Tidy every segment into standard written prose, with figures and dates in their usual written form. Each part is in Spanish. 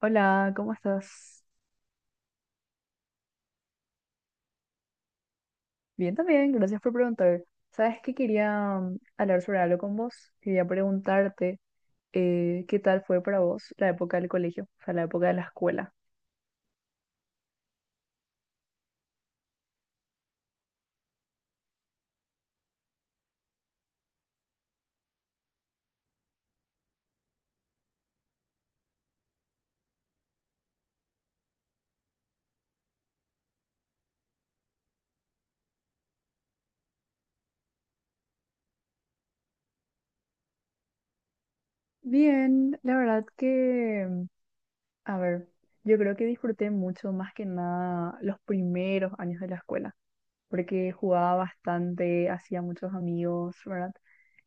Hola, ¿cómo estás? Bien también, gracias por preguntar. Sabes que quería hablar sobre algo con vos. Quería preguntarte qué tal fue para vos la época del colegio, o sea, la época de la escuela. Bien, la verdad que, a ver, yo creo que disfruté mucho más que nada los primeros años de la escuela, porque jugaba bastante, hacía muchos amigos, ¿verdad?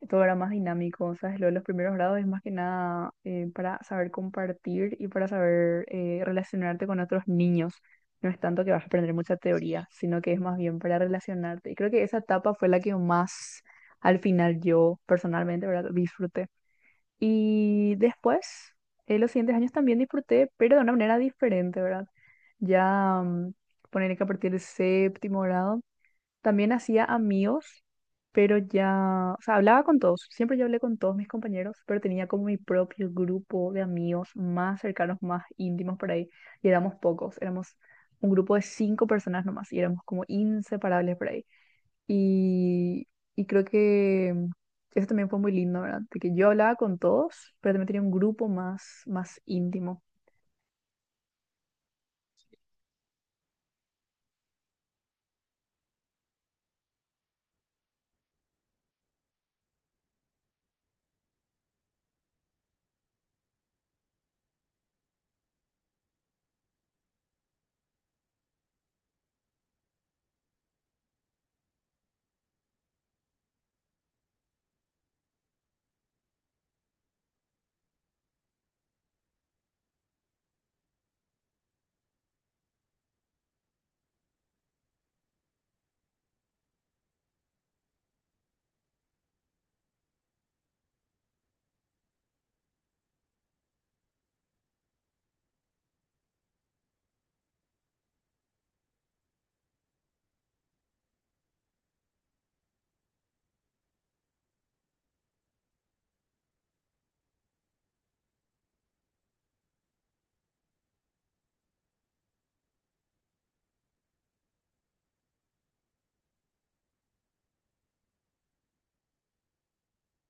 Todo era más dinámico, o sea, lo de los primeros grados es más que nada para saber compartir y para saber relacionarte con otros niños. No es tanto que vas a aprender mucha teoría, sino que es más bien para relacionarte. Y creo que esa etapa fue la que más, al final, yo personalmente, ¿verdad? Disfruté. Y después, los siguientes años también disfruté, pero de una manera diferente, ¿verdad? Ya, poner que a partir del séptimo grado también hacía amigos, pero ya, o sea, hablaba con todos, siempre yo hablé con todos mis compañeros, pero tenía como mi propio grupo de amigos más cercanos, más íntimos por ahí, y éramos pocos, éramos un grupo de 5 personas nomás, y éramos como inseparables por ahí. Y, y creo que eso también fue muy lindo, ¿verdad? De que yo hablaba con todos, pero también tenía un grupo más, más íntimo.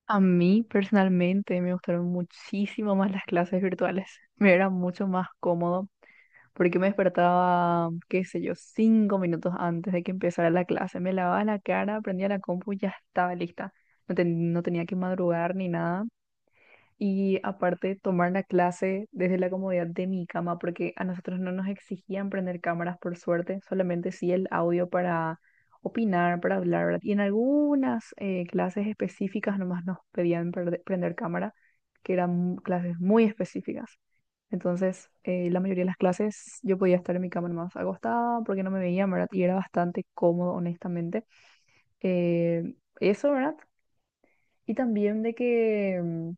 A mí personalmente me gustaron muchísimo más las clases virtuales. Me era mucho más cómodo, porque me despertaba, qué sé yo, 5 minutos antes de que empezara la clase. Me lavaba la cara, prendía la compu y ya estaba lista. No, no tenía que madrugar ni nada. Y aparte, tomar la clase desde la comodidad de mi cama, porque a nosotros no nos exigían prender cámaras, por suerte, solamente sí el audio para opinar, para hablar, ¿verdad? Y en algunas clases específicas nomás nos pedían prender cámara, que eran clases muy específicas. Entonces, la mayoría de las clases yo podía estar en mi cama más acostada porque no me veían, ¿verdad? Y era bastante cómodo, honestamente. Eh, eso, ¿verdad? Y también de que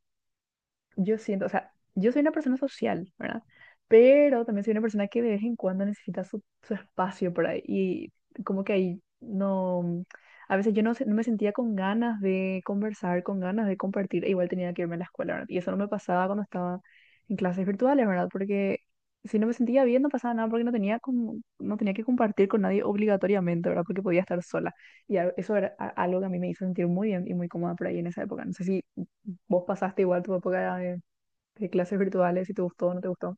yo siento, o sea, yo soy una persona social, ¿verdad? Pero también soy una persona que de vez en cuando necesita su espacio por ahí. Y como que ahí no, a veces yo no, no me sentía con ganas de conversar, con ganas de compartir, e igual tenía que irme a la escuela, ¿verdad? Y eso no me pasaba cuando estaba en clases virtuales, ¿verdad? Porque si no me sentía bien, no pasaba nada porque no tenía, como, no tenía que compartir con nadie obligatoriamente, ¿verdad? Porque podía estar sola. Y eso era algo que a mí me hizo sentir muy bien y muy cómoda por ahí en esa época. No sé si... ¿Vos pasaste igual tu época de clases virtuales, si te gustó o no te gustó?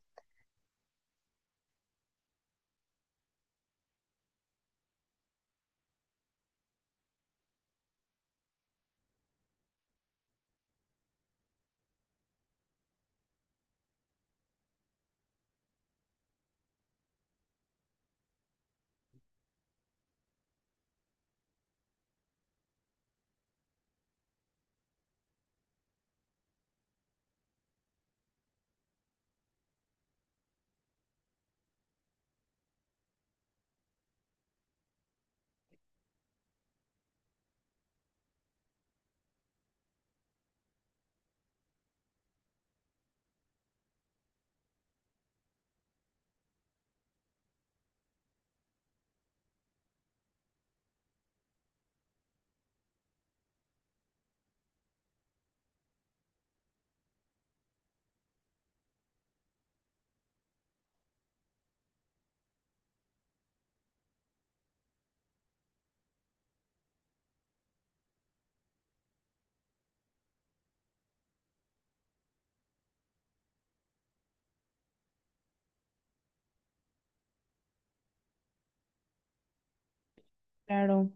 Claro,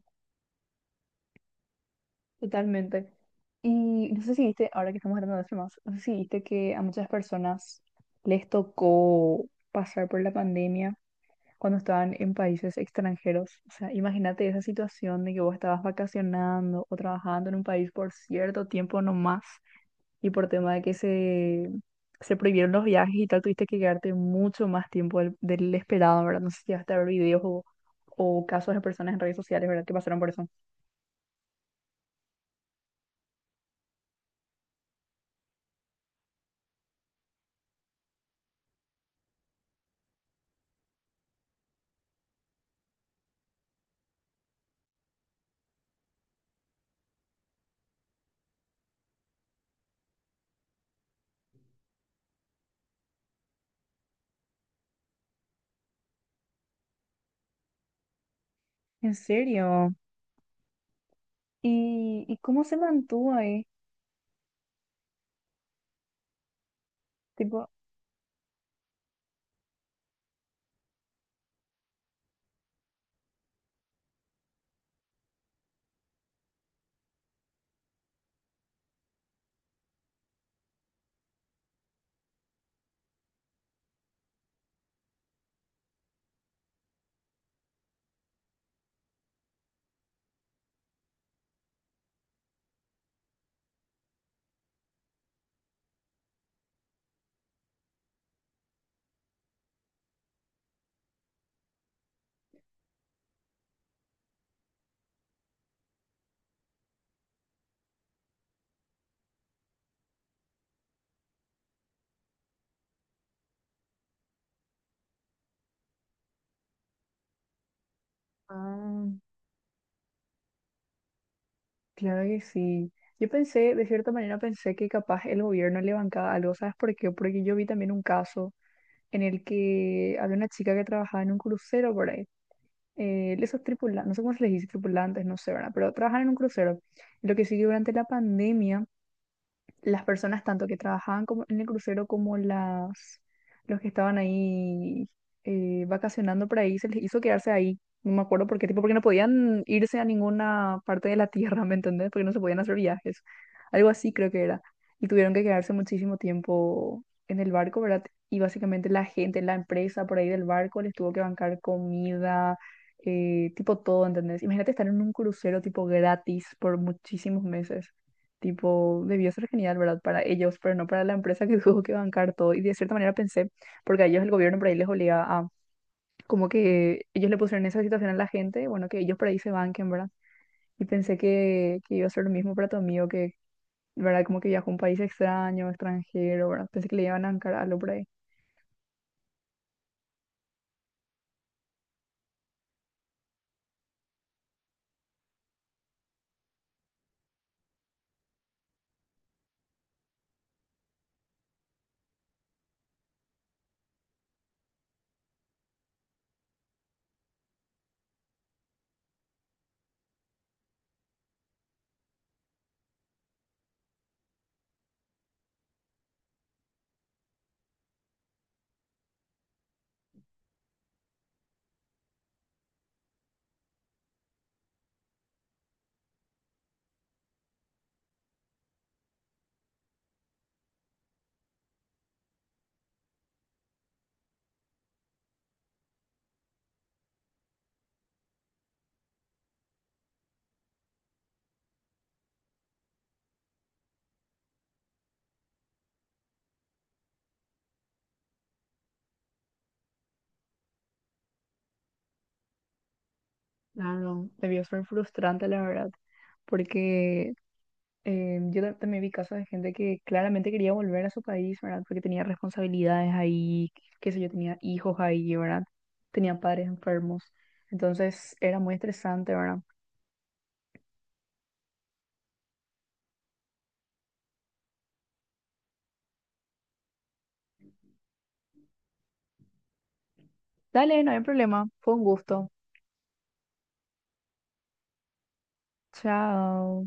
totalmente. Y no sé si viste, ahora que estamos hablando de temas, no sé si viste que a muchas personas les tocó pasar por la pandemia cuando estaban en países extranjeros. O sea, imagínate esa situación de que vos estabas vacacionando o trabajando en un país por cierto tiempo nomás y por tema de que se prohibieron los viajes y tal, tuviste que quedarte mucho más tiempo del esperado, ¿verdad? No sé si llegaste a ver videos o casos de personas en redes sociales, ¿verdad? Que pasaron por eso. ¿En serio? Y cómo se mantuvo ahí? Tipo, ah, claro que sí. Yo pensé, de cierta manera pensé que capaz el gobierno le bancaba algo, ¿sabes por qué? Porque yo vi también un caso en el que había una chica que trabajaba en un crucero por ahí. Esos tripulantes, no sé cómo se les dice tripulantes, no sé, ¿verdad? Pero trabajan en un crucero. Lo que sí que durante la pandemia las personas tanto que trabajaban como en el crucero como las los que estaban ahí vacacionando por ahí, se les hizo quedarse ahí. No me acuerdo por qué, tipo, porque no podían irse a ninguna parte de la tierra, ¿me entendés? Porque no se podían hacer viajes. Algo así creo que era. Y tuvieron que quedarse muchísimo tiempo en el barco, ¿verdad? Y básicamente la gente, la empresa por ahí del barco les tuvo que bancar comida, tipo todo, ¿entendés? Imagínate estar en un crucero tipo gratis por muchísimos meses. Tipo, debió ser genial, ¿verdad? Para ellos, pero no para la empresa que tuvo que bancar todo. Y de cierta manera pensé, porque a ellos el gobierno por ahí les obliga a, como que ellos le pusieron esa situación a la gente, bueno, que ellos por ahí se banquen, ¿verdad? Y pensé que iba a ser lo mismo para tu amigo, que, ¿verdad? Como que viajó a un país extraño, extranjero, ¿verdad? Pensé que le iban a bancar algo por ahí. Claro, debió ser frustrante, la verdad, porque eh, yo también vi casos de gente que claramente quería volver a su país, ¿verdad? Porque tenía responsabilidades ahí, qué sé yo, tenía hijos ahí, ¿verdad? Tenía padres enfermos. Entonces era muy estresante, ¿verdad? Dale, no hay problema. Fue un gusto. Chao.